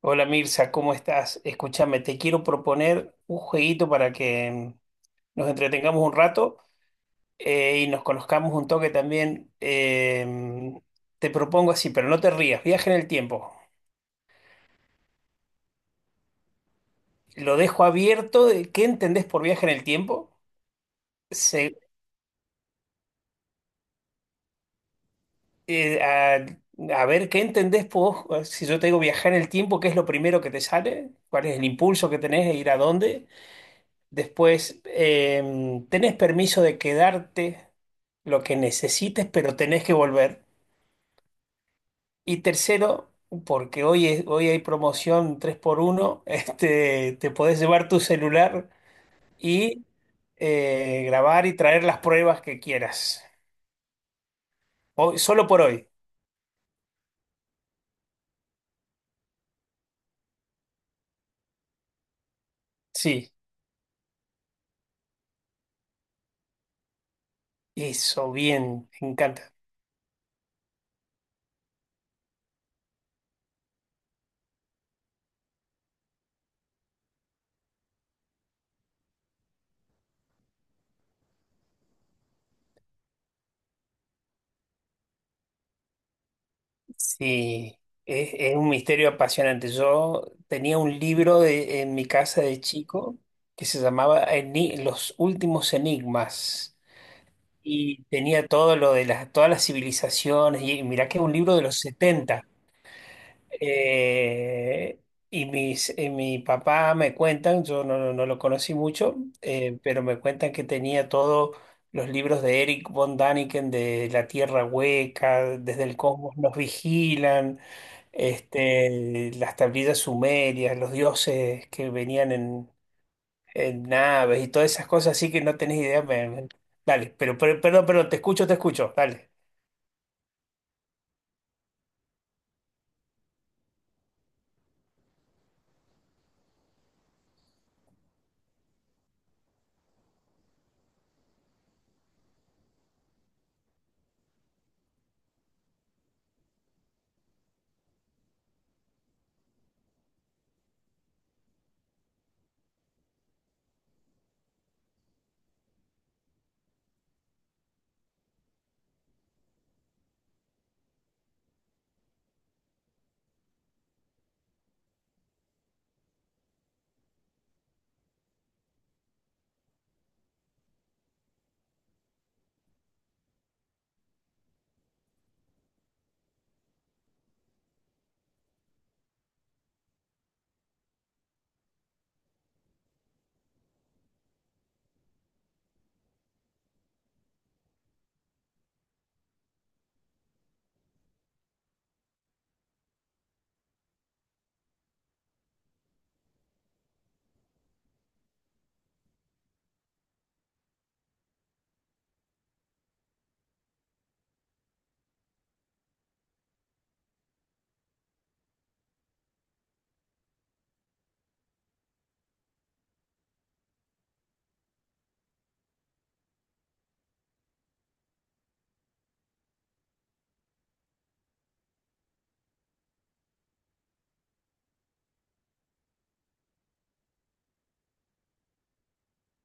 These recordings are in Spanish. Hola Mirza, ¿cómo estás? Escúchame, te quiero proponer un jueguito para que nos entretengamos un rato y nos conozcamos un toque también. Te propongo así, pero no te rías, viaje en el tiempo. Lo dejo abierto. De ¿Qué entendés por viaje en el tiempo? Se- eh, a, a ver, ¿qué entendés vos? Si yo te digo viajar en el tiempo, ¿qué es lo primero que te sale? ¿Cuál es el impulso que tenés de ir a dónde? Después, tenés permiso de quedarte lo que necesites, pero tenés que volver. Y tercero, porque hoy, hoy hay promoción tres por uno este, te podés llevar tu celular y grabar y traer las pruebas que quieras. Solo por hoy. Sí, eso, bien, me encanta. Sí, es un misterio apasionante. Yo tenía un libro en mi casa de chico que se llamaba Los últimos enigmas y tenía todo lo de todas las civilizaciones y mirá que es un libro de los setenta. Eh, y mi papá me cuentan, yo no lo conocí mucho, pero me cuentan que tenía todos los libros de Eric von Däniken, de La Tierra Hueca, Desde el Cosmos nos vigilan, este, las tablillas sumerias, los dioses que venían en naves y todas esas cosas, así que no tenés idea. Dale, perdón, perdón, te escucho, dale.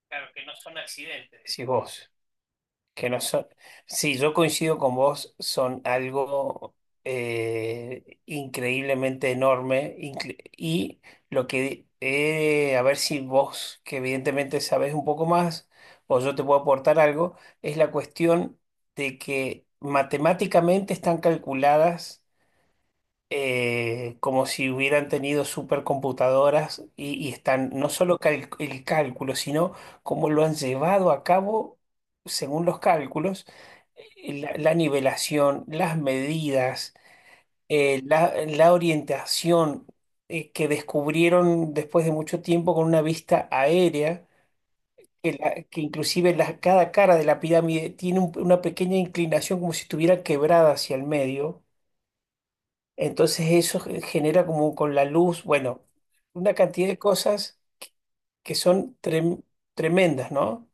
Claro, que no son accidentes. Decís vos. Que no son, sí, yo coincido con vos, son algo increíblemente enorme, y lo que, a ver si vos, que evidentemente sabés un poco más, o yo te puedo aportar algo, es la cuestión de que matemáticamente están calculadas, como si hubieran tenido supercomputadoras, y están no solo el cálculo, sino cómo lo han llevado a cabo según los cálculos, la nivelación, las medidas, la orientación que descubrieron después de mucho tiempo con una vista aérea. Que inclusive cada cara de la pirámide tiene una pequeña inclinación como si estuviera quebrada hacia el medio. Entonces eso genera como con la luz, bueno, una cantidad de cosas que son tremendas, ¿no?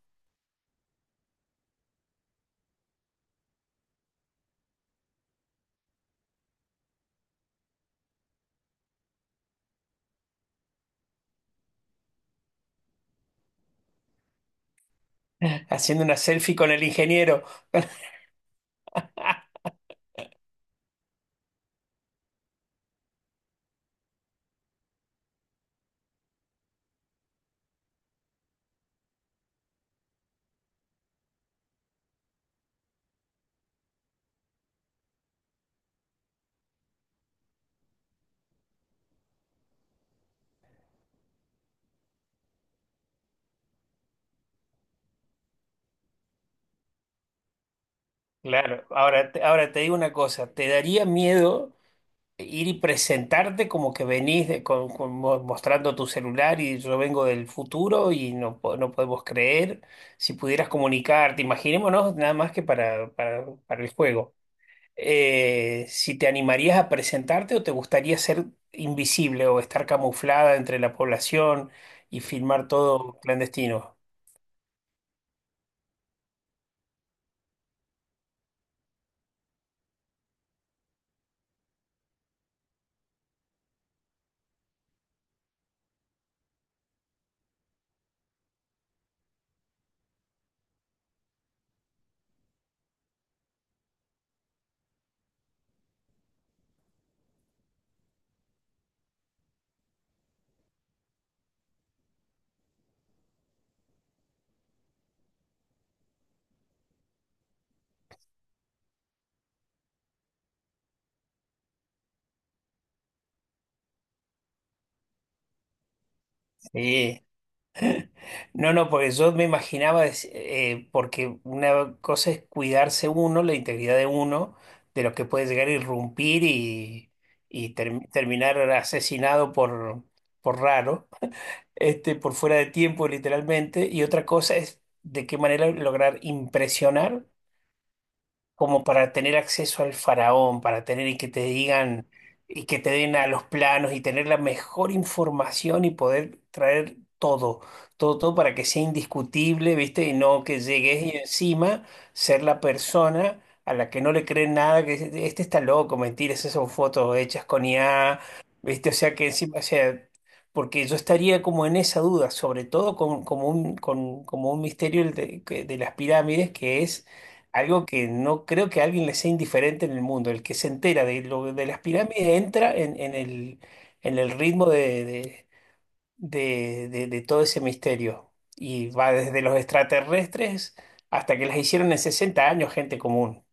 Haciendo una selfie con el ingeniero. Claro, ahora, ahora te digo una cosa, ¿te daría miedo ir y presentarte como que venís mostrando tu celular y yo vengo del futuro y no, no podemos creer si pudieras comunicarte? Imaginémonos nada más que para el juego. ¿Si te animarías a presentarte o te gustaría ser invisible o estar camuflada entre la población y filmar todo clandestino? Sí. No, no, porque yo me imaginaba, porque una cosa es cuidarse uno, la integridad de uno, de lo que puede llegar a irrumpir y terminar asesinado por raro, este, por fuera de tiempo literalmente, y otra cosa es de qué manera lograr impresionar como para tener acceso al faraón, para tener y que te digan y que te den a los planos y tener la mejor información y poder traer todo, todo, todo para que sea indiscutible, ¿viste? Y no que llegues y encima ser la persona a la que no le creen nada, que dice, este está loco, mentiras, esas son fotos hechas con IA, ¿viste? O sea que encima, o sea, porque yo estaría como en esa duda, sobre todo con, como un misterio el de de las pirámides, que es algo que no creo que a alguien le sea indiferente en el mundo. El que se entera de lo de las pirámides entra en el ritmo de, de todo ese misterio. Y va desde los extraterrestres hasta que las hicieron en 60 años, gente común.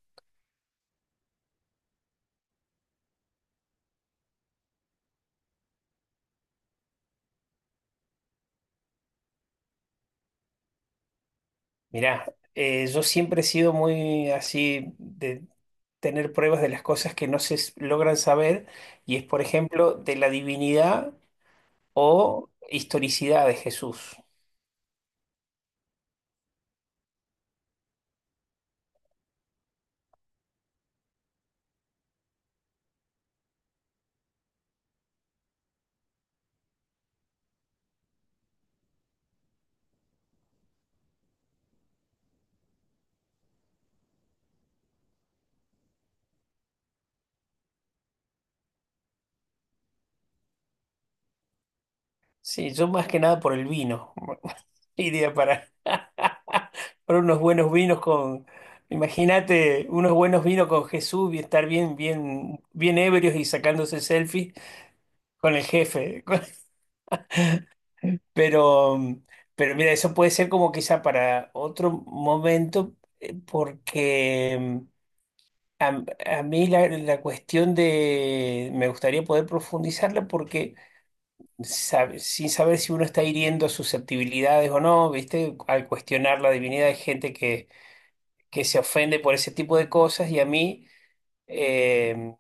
Mirá, yo siempre he sido muy así de tener pruebas de las cosas que no se logran saber, y es, por ejemplo, de la divinidad o historicidad de Jesús. Sí, yo más que nada por el vino. Iría para unos buenos vinos con, imagínate, unos buenos vinos con Jesús y estar bien, bien, bien ebrios y sacándose selfies con el jefe. Pero, pero mira, eso puede ser como quizá para otro momento, porque mm, a, a mí la cuestión de, me gustaría poder profundizarla porque sin saber si uno está hiriendo susceptibilidades o no, ¿viste? Al cuestionar la divinidad hay gente que se ofende por ese tipo de cosas y a mí eh,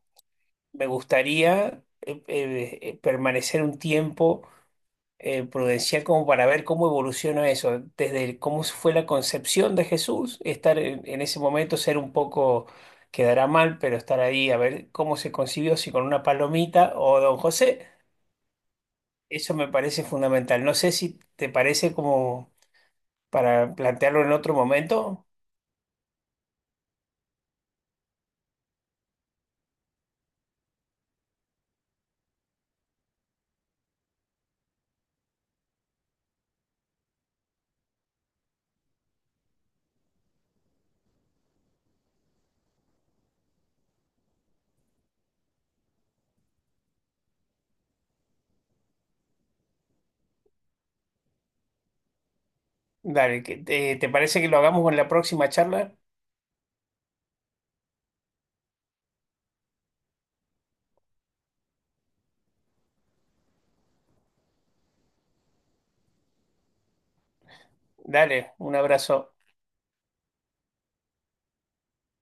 me gustaría permanecer un tiempo prudencial como para ver cómo evoluciona eso, cómo fue la concepción de Jesús, estar en ese momento, ser un poco... Quedará mal, pero estar ahí a ver cómo se concibió, si con una palomita o Don José. Eso me parece fundamental. No sé si te parece como para plantearlo en otro momento. Dale, ¿te parece que lo hagamos en la próxima charla? Dale, un abrazo.